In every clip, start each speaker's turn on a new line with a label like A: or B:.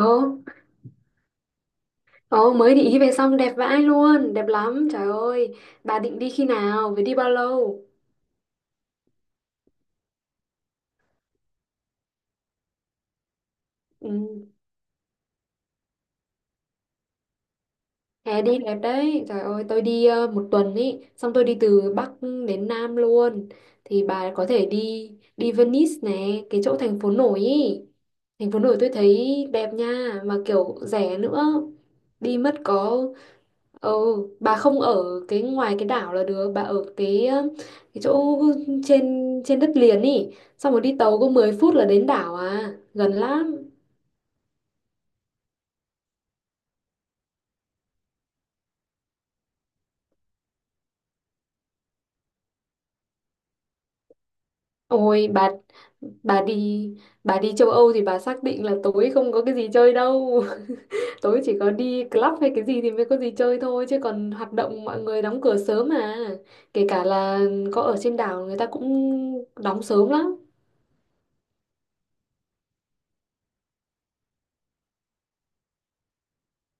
A: Ồ, ồ, mới định đi về xong đẹp vãi luôn, đẹp lắm, trời ơi. Bà định đi khi nào, với đi bao lâu? Ừ, hè đi đẹp đấy, trời ơi, tôi đi một tuần ý, xong tôi đi từ Bắc đến Nam luôn. Thì bà có thể đi đi Venice này, cái chỗ thành phố nổi ý. Thành phố nổi tôi thấy đẹp nha, mà kiểu rẻ nữa. Đi mất có. Ừ, bà không ở cái ngoài cái đảo là được, bà ở cái chỗ trên trên đất liền ý, xong rồi đi tàu có 10 phút là đến đảo à, gần lắm. Ôi bà bà đi bà đi châu Âu thì bà xác định là tối không có cái gì chơi đâu. Tối chỉ có đi club hay cái gì thì mới có gì chơi thôi chứ còn hoạt động mọi người đóng cửa sớm mà. Kể cả là có ở trên đảo người ta cũng đóng sớm lắm.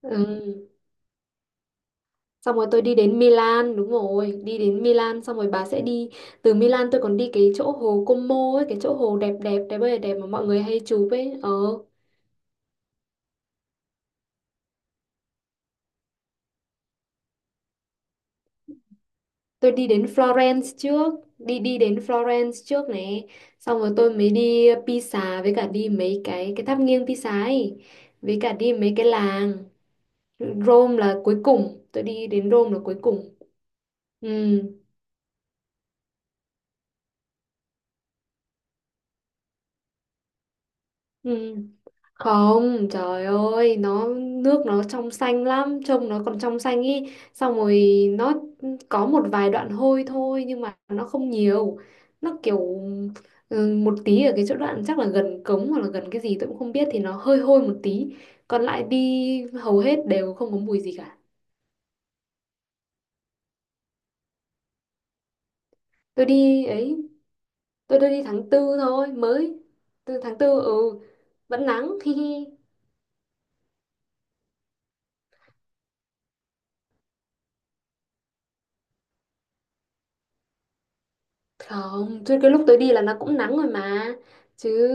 A: Ừ. Xong rồi tôi đi đến Milan, đúng rồi, đi đến Milan xong rồi bà sẽ đi từ Milan tôi còn đi cái chỗ hồ Como ấy, cái chỗ hồ đẹp đẹp đẹp ơi là đẹp mà mọi người hay chụp ấy. Ờ, tôi đi đến Florence trước, đi đi đến Florence trước này, xong rồi tôi mới đi Pisa với cả đi mấy cái tháp nghiêng Pisa ấy, với cả đi mấy cái làng. Rome là cuối cùng, tôi đi đến Rome là cuối cùng. Ừ. Ừ. Không, trời ơi, nó nước nó trong xanh lắm, trông nó còn trong xanh ý. Xong rồi nó có một vài đoạn hôi thôi nhưng mà nó không nhiều. Nó kiểu ừ, một tí ở cái chỗ đoạn chắc là gần cống hoặc là gần cái gì tôi cũng không biết thì nó hơi hôi một tí. Còn lại đi hầu hết đều không có mùi gì cả. Tôi đi ấy, tôi đi tháng tư thôi, mới từ tháng tư ừ vẫn nắng hi hi. Không, chứ cái lúc tới đi là nó cũng nắng rồi mà. Chứ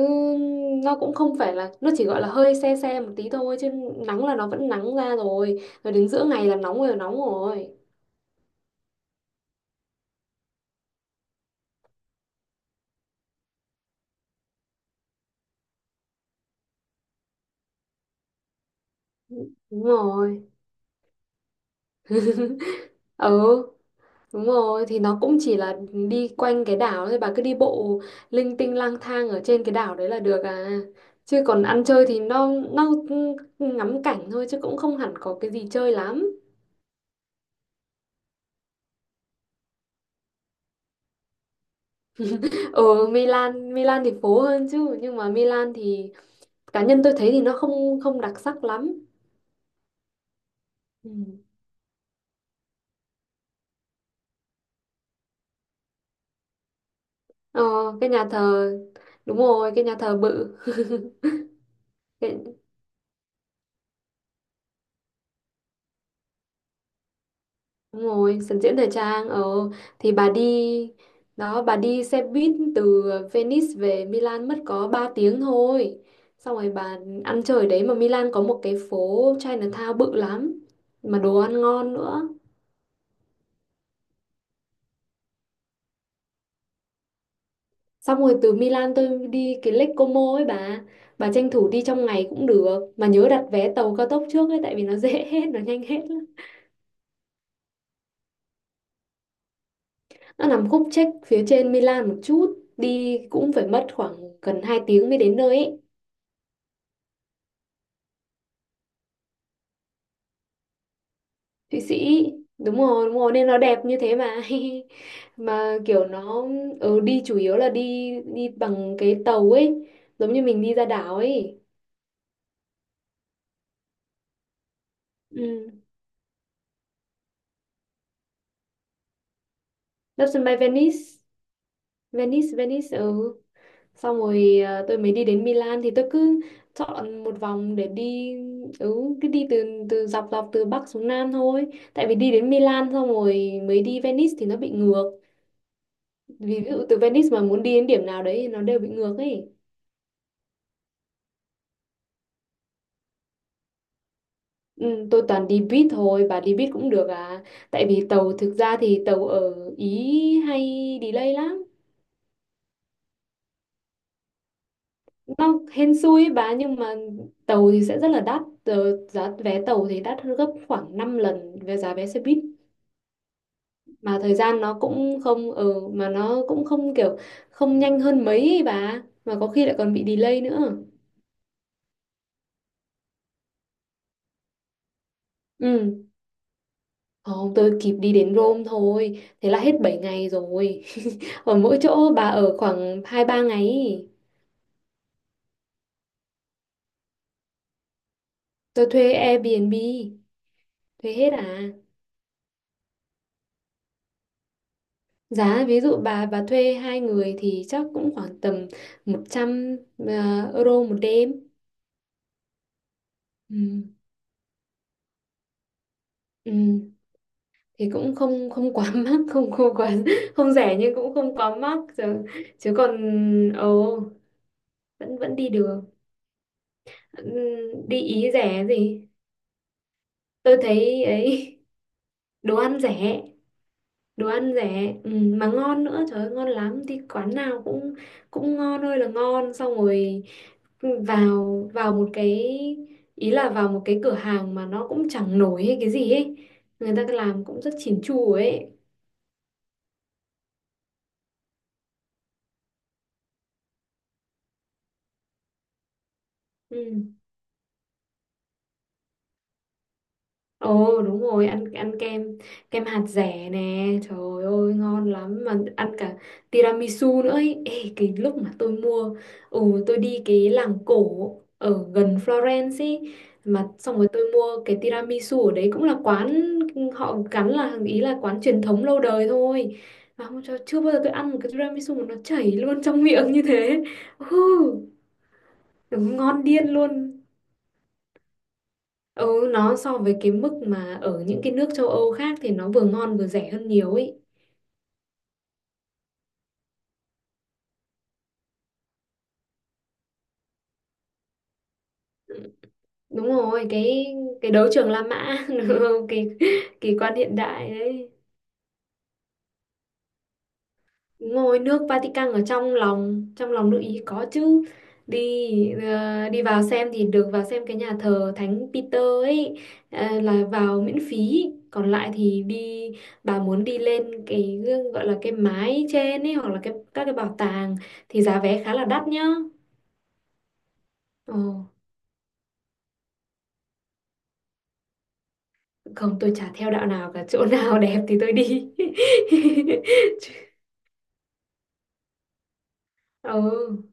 A: nó cũng không phải là, nó chỉ gọi là hơi se se một tí thôi. Chứ nắng là nó vẫn nắng ra rồi. Rồi đến giữa ngày là nóng rồi, nóng rồi. Đúng rồi. Ừ, đúng rồi. Thì nó cũng chỉ là đi quanh cái đảo thôi. Bà cứ đi bộ linh tinh lang thang ở trên cái đảo đấy là được à. Chứ còn ăn chơi thì nó ngắm cảnh thôi chứ cũng không hẳn có cái gì chơi lắm. Ở Milan, Milan thì phố hơn chứ nhưng mà Milan thì cá nhân tôi thấy thì nó không không đặc sắc lắm. Ừ. ờ, cái nhà thờ, đúng rồi, cái nhà thờ bự. cái, đúng rồi, sân diễn thời trang, thì bà đi đó, bà đi xe buýt từ Venice về Milan mất có 3 tiếng thôi, xong rồi bà ăn chơi ở đấy, mà Milan có một cái phố Chinatown bự lắm mà đồ ăn ngon nữa. Xong rồi từ Milan tôi đi cái Lake Como ấy bà tranh thủ đi trong ngày cũng được mà nhớ đặt vé tàu cao tốc trước ấy tại vì nó dễ hết, nó nhanh hết. Nó nằm khúc trách phía trên Milan một chút, đi cũng phải mất khoảng gần 2 tiếng mới đến nơi ấy. Thụy Sĩ, đúng rồi, nên nó đẹp như thế mà. Mà kiểu nó ừ, đi chủ yếu là đi đi bằng cái tàu ấy, giống như mình đi ra đảo ấy. Ừ. Đáp sân bay Venice, Venice, Venice, ừ. Xong rồi tôi mới đi đến Milan thì tôi cứ chọn một vòng để đi, ừ, cứ đi từ từ dọc dọc từ Bắc xuống Nam thôi, tại vì đi đến Milan xong rồi mới đi Venice thì nó bị ngược, ví dụ từ Venice mà muốn đi đến điểm nào đấy thì nó đều bị ngược ấy. Ừ, tôi toàn đi buýt thôi, và đi buýt cũng được à, tại vì tàu thực ra thì tàu ở Ý hay delay lắm, nó hên xui ấy bà, nhưng mà tàu thì sẽ rất là đắt. Ờ, giá vé tàu thì đắt hơn gấp khoảng 5 lần về giá vé xe buýt, mà thời gian nó cũng không mà nó cũng không kiểu không nhanh hơn mấy ấy bà, mà có khi lại còn bị delay nữa. Ừ, không, tôi kịp đi đến Rome thôi, thế là hết 7 ngày rồi. Ở mỗi chỗ bà ở khoảng hai ba ngày ý. Tôi thuê Airbnb, thuê hết à. Giá ví dụ bà thuê hai người thì chắc cũng khoảng tầm 100 euro một đêm. Ừ. Ừ, thì cũng không không quá mắc, không không quá không rẻ nhưng cũng không quá mắc chứ, chứ còn ồ vẫn vẫn đi được. Đi Ý rẻ gì, tôi thấy ấy. Đồ ăn rẻ, đồ ăn rẻ, ừ, mà ngon nữa, trời ơi ngon lắm, đi quán nào cũng cũng ngon ơi là ngon, xong rồi ừ, vào vào một cái, ý là vào một cái cửa hàng mà nó cũng chẳng nổi hay cái gì ấy, người ta làm cũng rất chỉn chu ấy. Ừ. Ồ đúng rồi, ăn ăn kem, kem hạt dẻ nè trời ơi ngon lắm, mà ăn cả tiramisu nữa ấy. Ê, cái lúc mà tôi mua, ừ, tôi đi cái làng cổ ở gần Florence ấy, mà xong rồi tôi mua cái tiramisu ở đấy, cũng là quán họ gắn là ý là quán truyền thống lâu đời thôi, mà không cho, chưa bao giờ tôi ăn một cái tiramisu mà nó chảy luôn trong miệng như thế. Ừ, đúng ngon điên luôn. Ừ, nó so với cái mức mà ở những cái nước châu Âu khác thì nó vừa ngon vừa rẻ hơn nhiều ấy. Đúng rồi, cái đấu trường La Mã, đúng không? Kỳ kỳ quan hiện đại đấy. Đúng rồi, nước Vatican ở trong lòng nước Ý có chứ. Đi vào xem thì được, vào xem cái nhà thờ Thánh Peter ấy, là vào miễn phí. Còn lại thì đi, bà muốn đi lên cái gọi là cái mái trên ấy, hoặc là cái các cái bảo tàng thì giá vé khá là đắt nhá. Ồ. Không, tôi chả theo đạo nào cả, chỗ nào đẹp thì tôi đi. Ừ,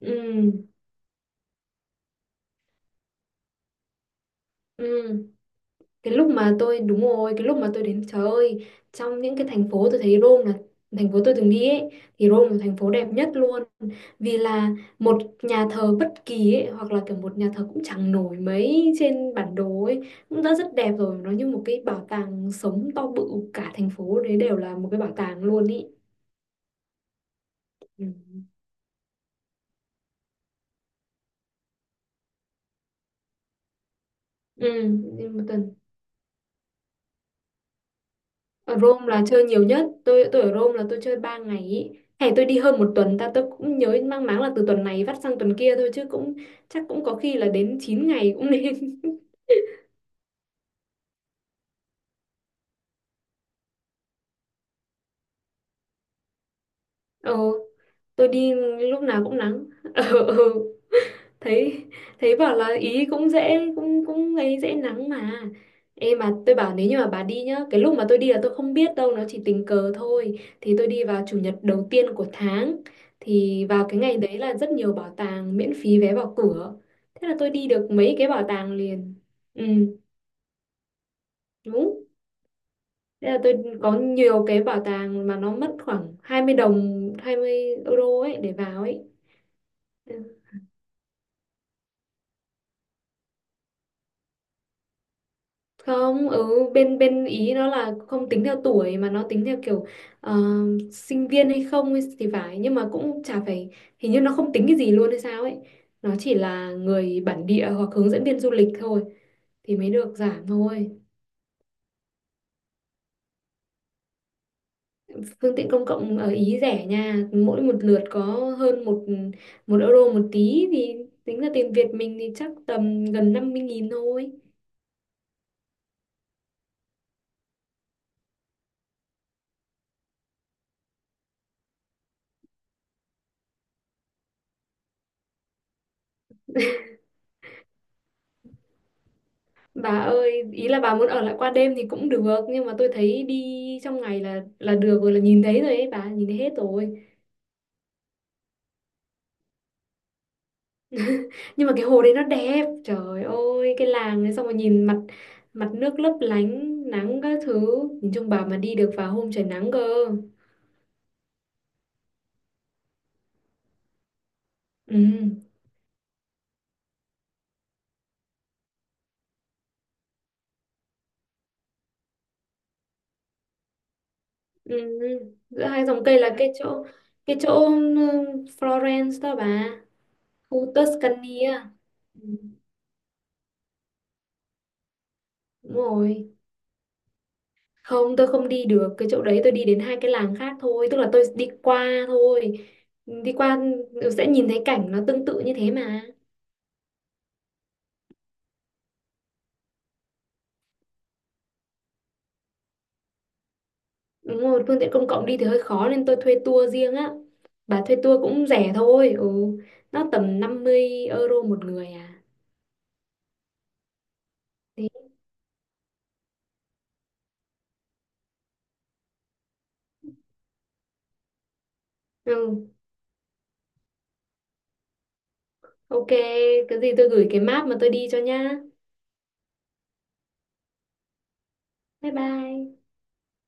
A: ừ, ừ, cái lúc mà tôi, đúng rồi, cái lúc mà tôi đến, trời ơi, trong những cái thành phố tôi thấy Rome là thành phố tôi từng đi ấy thì Rome là thành phố đẹp nhất luôn, vì là một nhà thờ bất kỳ ấy, hoặc là kiểu một nhà thờ cũng chẳng nổi mấy trên bản đồ ấy cũng đã rất đẹp rồi, nó như một cái bảo tàng sống to bự, cả thành phố đấy đều là một cái bảo tàng luôn ý. Ừ. Ừ, nhưng mà tuần, ở Rome là chơi nhiều nhất. Tôi ở Rome là tôi chơi 3 ngày ý. Hay tôi đi hơn một tuần ta, tôi cũng nhớ mang máng là từ tuần này vắt sang tuần kia thôi, chứ cũng chắc cũng có khi là đến 9 ngày cũng nên. Ờ, tôi đi lúc nào cũng nắng. Ờ, ờ. thấy thấy bảo là ý cũng dễ, cũng cũng ấy dễ nắng mà, em mà tôi bảo nếu như mà bà đi nhá, cái lúc mà tôi đi là tôi không biết đâu, nó chỉ tình cờ thôi, thì tôi đi vào chủ nhật đầu tiên của tháng thì vào cái ngày đấy là rất nhiều bảo tàng miễn phí vé vào cửa, thế là tôi đi được mấy cái bảo tàng liền, ừ, đúng, thế là tôi có nhiều cái bảo tàng mà nó mất khoảng 20 đồng 20 euro ấy để vào ấy. Ừ. Không ở bên bên ý nó là không tính theo tuổi mà nó tính theo kiểu ờ, sinh viên hay không ấy thì phải, nhưng mà cũng chả phải, hình như nó không tính cái gì luôn hay sao ấy, nó chỉ là người bản địa hoặc hướng dẫn viên du lịch thôi thì mới được giảm thôi. Phương tiện công cộng ở Ý rẻ nha, mỗi một lượt có hơn một một euro một tí thì tính ra tiền Việt mình thì chắc tầm gần 50.000 thôi. Bà ơi, ý là bà muốn ở lại qua đêm thì cũng được, nhưng mà tôi thấy đi trong ngày là được rồi, là nhìn thấy rồi ấy bà, nhìn thấy hết rồi. Nhưng mà cái hồ đấy nó đẹp, trời ơi, cái làng đấy, xong rồi nhìn mặt, mặt nước lấp lánh, nắng các thứ, nhìn chung bà mà đi được vào hôm trời nắng cơ. Ừ, ừ. Giữa hai dòng cây là cái chỗ, cái chỗ ừ, Florence đó bà, khu Tuscany á. Ừ, đúng rồi. Không, tôi không đi được cái chỗ đấy, tôi đi đến hai cái làng khác thôi, tức là tôi đi qua thôi. Đi qua ừ, sẽ nhìn thấy cảnh nó tương tự như thế mà. Đúng rồi, phương tiện công cộng đi thì hơi khó nên tôi thuê tour riêng á. Bà thuê tour cũng rẻ thôi, ừ. Nó tầm 50 euro một người à. Thế. Ừ, ok, cái gì tôi gửi cái map mà tôi đi cho nhá. Bye bye.